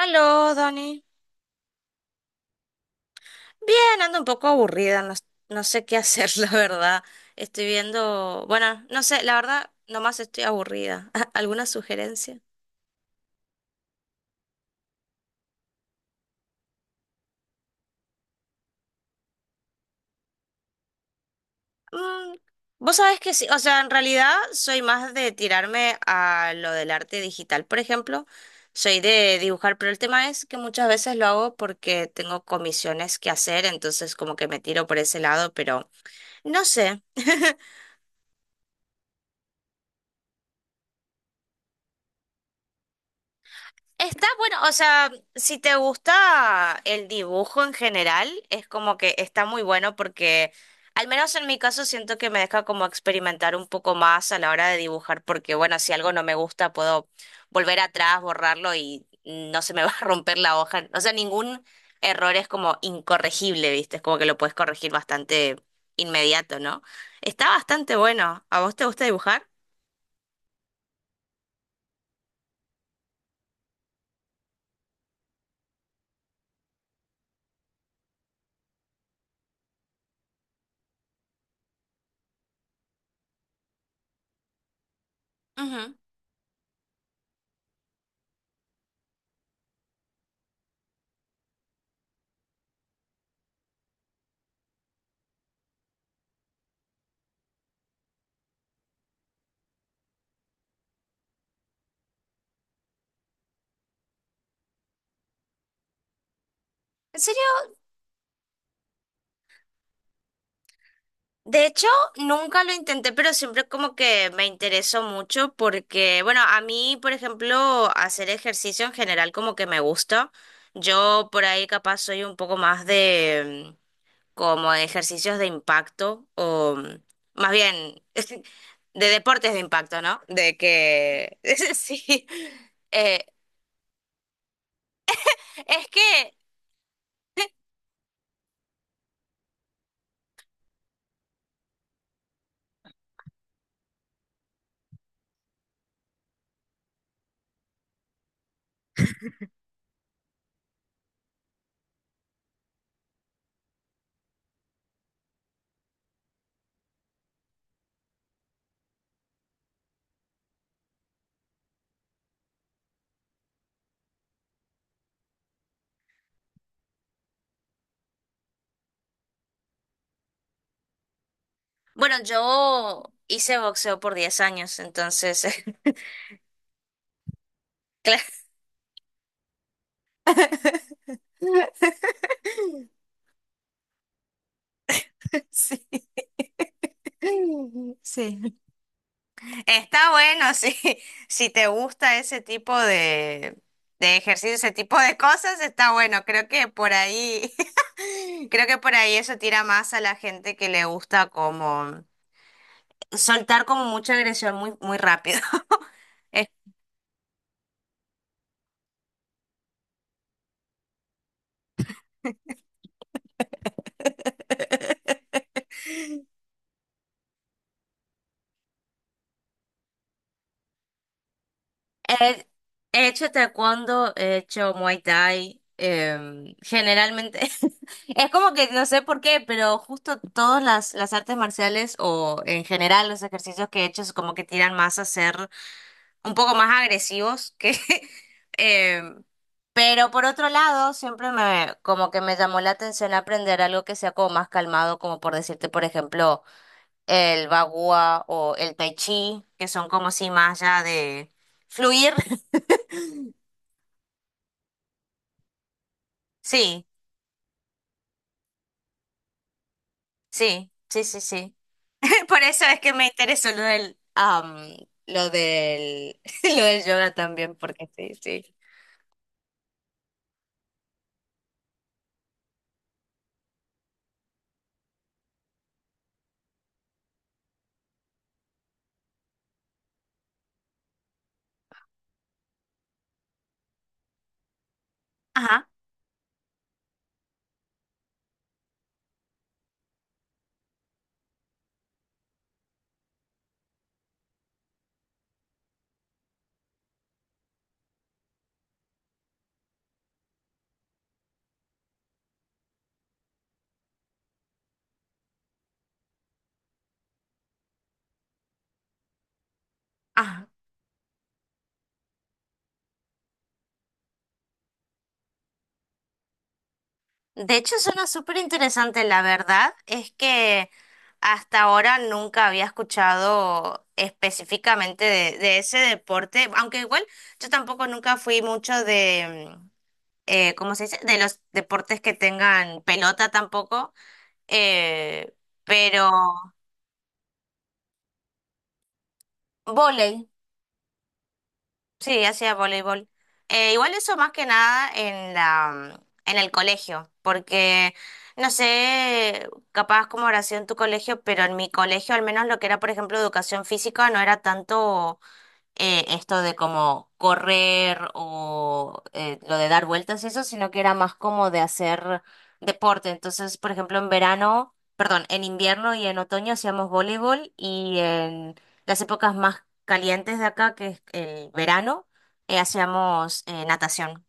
Aló, Dani. Bien, ando un poco aburrida, no, no sé qué hacer, la verdad. Estoy viendo, bueno, no sé, la verdad, nomás estoy aburrida. ¿Alguna sugerencia? Mm, vos sabés que sí, o sea, en realidad soy más de tirarme a lo del arte digital, por ejemplo. Soy de dibujar, pero el tema es que muchas veces lo hago porque tengo comisiones que hacer, entonces como que me tiro por ese lado, pero no sé. Está bueno, o sea, si te gusta el dibujo en general, es como que está muy bueno porque, al menos en mi caso, siento que me deja como experimentar un poco más a la hora de dibujar, porque bueno, si algo no me gusta, puedo volver atrás, borrarlo y no se me va a romper la hoja. O sea, ningún error es como incorregible, ¿viste? Es como que lo puedes corregir bastante inmediato, ¿no? Está bastante bueno. ¿A vos te gusta dibujar? Ujú. ¿En serio? De hecho, nunca lo intenté, pero siempre como que me interesó mucho porque, bueno, a mí, por ejemplo, hacer ejercicio en general como que me gusta. Yo por ahí capaz soy un poco más de como de ejercicios de impacto o más bien de deportes de impacto, ¿no? De que, sí, eh, es que, bueno, yo hice boxeo por 10 años, entonces... Sí, sí. Está bueno sí. Si te gusta ese tipo de ejercicio, ese tipo de cosas, está bueno. Creo que por ahí, creo que por ahí eso tira más a la gente que le gusta como soltar como mucha agresión muy, muy rápido. Es- He, he hecho taekwondo, he hecho muay thai, generalmente. Es como que no sé por qué, pero justo todas las artes marciales o en general los ejercicios que he hecho es como que tiran más a ser un poco más agresivos que... eh, pero por otro lado, siempre me como que me llamó la atención aprender algo que sea como más calmado, como por decirte, por ejemplo, el bagua o el tai chi, que son como si más ya de fluir. Sí, sí, sí, sí, sí. Por eso es que me interesó lo del, lo del yoga también, porque sí, sí. Ajá, ajá. De hecho, suena súper interesante. La verdad es que hasta ahora nunca había escuchado específicamente de ese deporte, aunque igual yo tampoco nunca fui mucho de, ¿cómo se dice? De los deportes que tengan pelota tampoco, eh, pero... Volei. Sí, hacía voleibol. Igual eso más que nada en la, en el colegio, porque no sé, capaz como habrá sido en tu colegio, pero en mi colegio al menos lo que era, por ejemplo, educación física no era tanto esto de como correr o lo de dar vueltas y eso, sino que era más como de hacer deporte. Entonces, por ejemplo, en verano, perdón, en invierno y en otoño hacíamos voleibol y en las épocas más calientes de acá, que es el verano, hacíamos natación.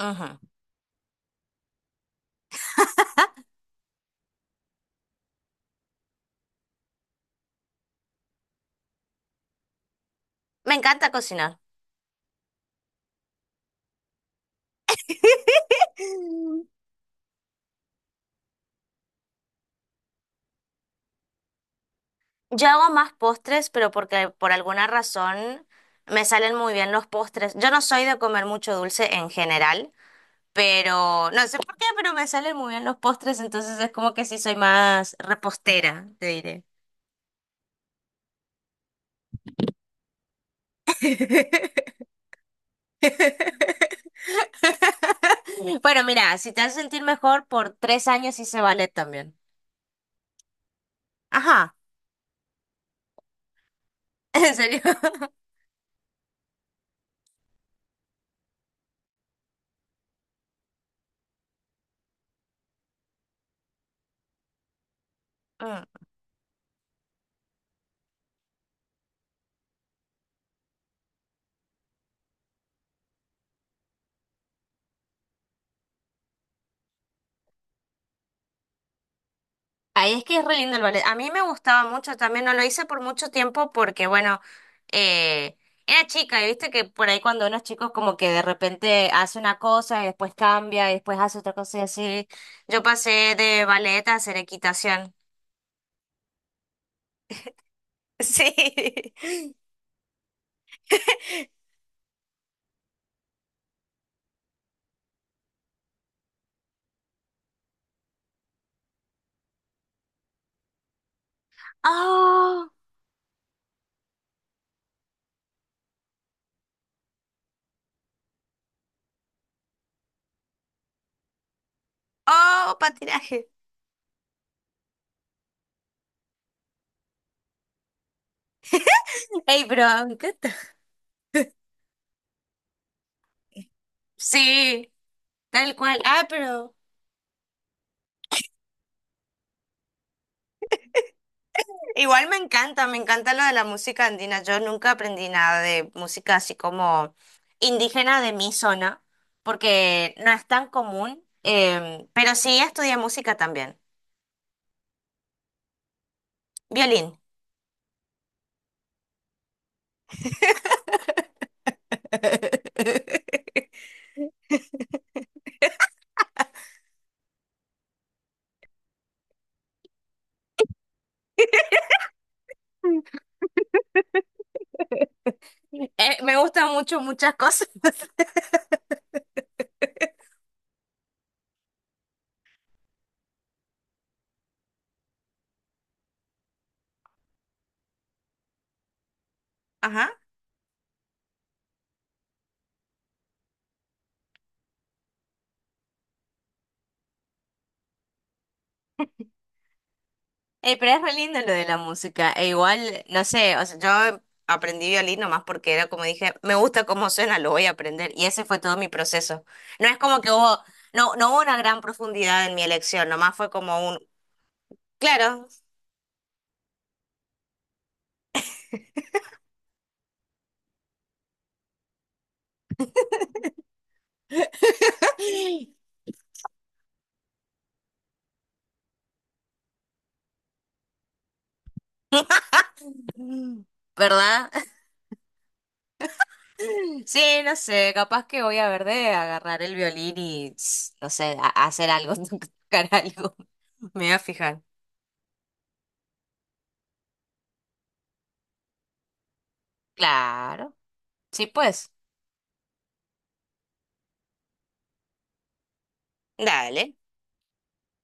Ujú. Me encanta cocinar. Mm. Yo hago más postres, pero porque por alguna razón me salen muy bien los postres. Yo no soy de comer mucho dulce en general, pero no sé por qué, pero me salen muy bien los postres, entonces es como que sí soy más repostera, te diré. Bueno, mira, si te hace sentir mejor, por 3 años hice ballet también. Ajá, en serio. Mm. Ahí es que es re lindo el ballet. A mí me gustaba mucho también, no lo hice por mucho tiempo porque, bueno, eh, era chica y viste que por ahí cuando uno es chico es como que de repente hace una cosa y después cambia y después hace otra cosa y así. Yo pasé de ballet a hacer equitación. Sí. ¡Oh! Oh, patinaje. ¡Ey, pero me encanta! Sí, tal cual. Ah, pero igual me encanta lo de la música andina. Yo nunca aprendí nada de música así como indígena de mi zona, porque no es tan común, em, pero sí estudié música también. Violín. Me gustan mucho muchas cosas. Ajá. Pero es re lindo lo de la música. E igual, no sé, o sea, yo aprendí violín nomás porque era como dije, me gusta cómo suena, lo voy a aprender. Y ese fue todo mi proceso. No es como que hubo, no, no hubo una gran profundidad en mi elección, nomás fue como un, claro, ¿verdad? Sí, no sé, capaz que voy a ver de agarrar el violín y, tss, no sé, a hacer algo, tocar algo. Me voy a fijar. Claro. Sí, pues. Dale.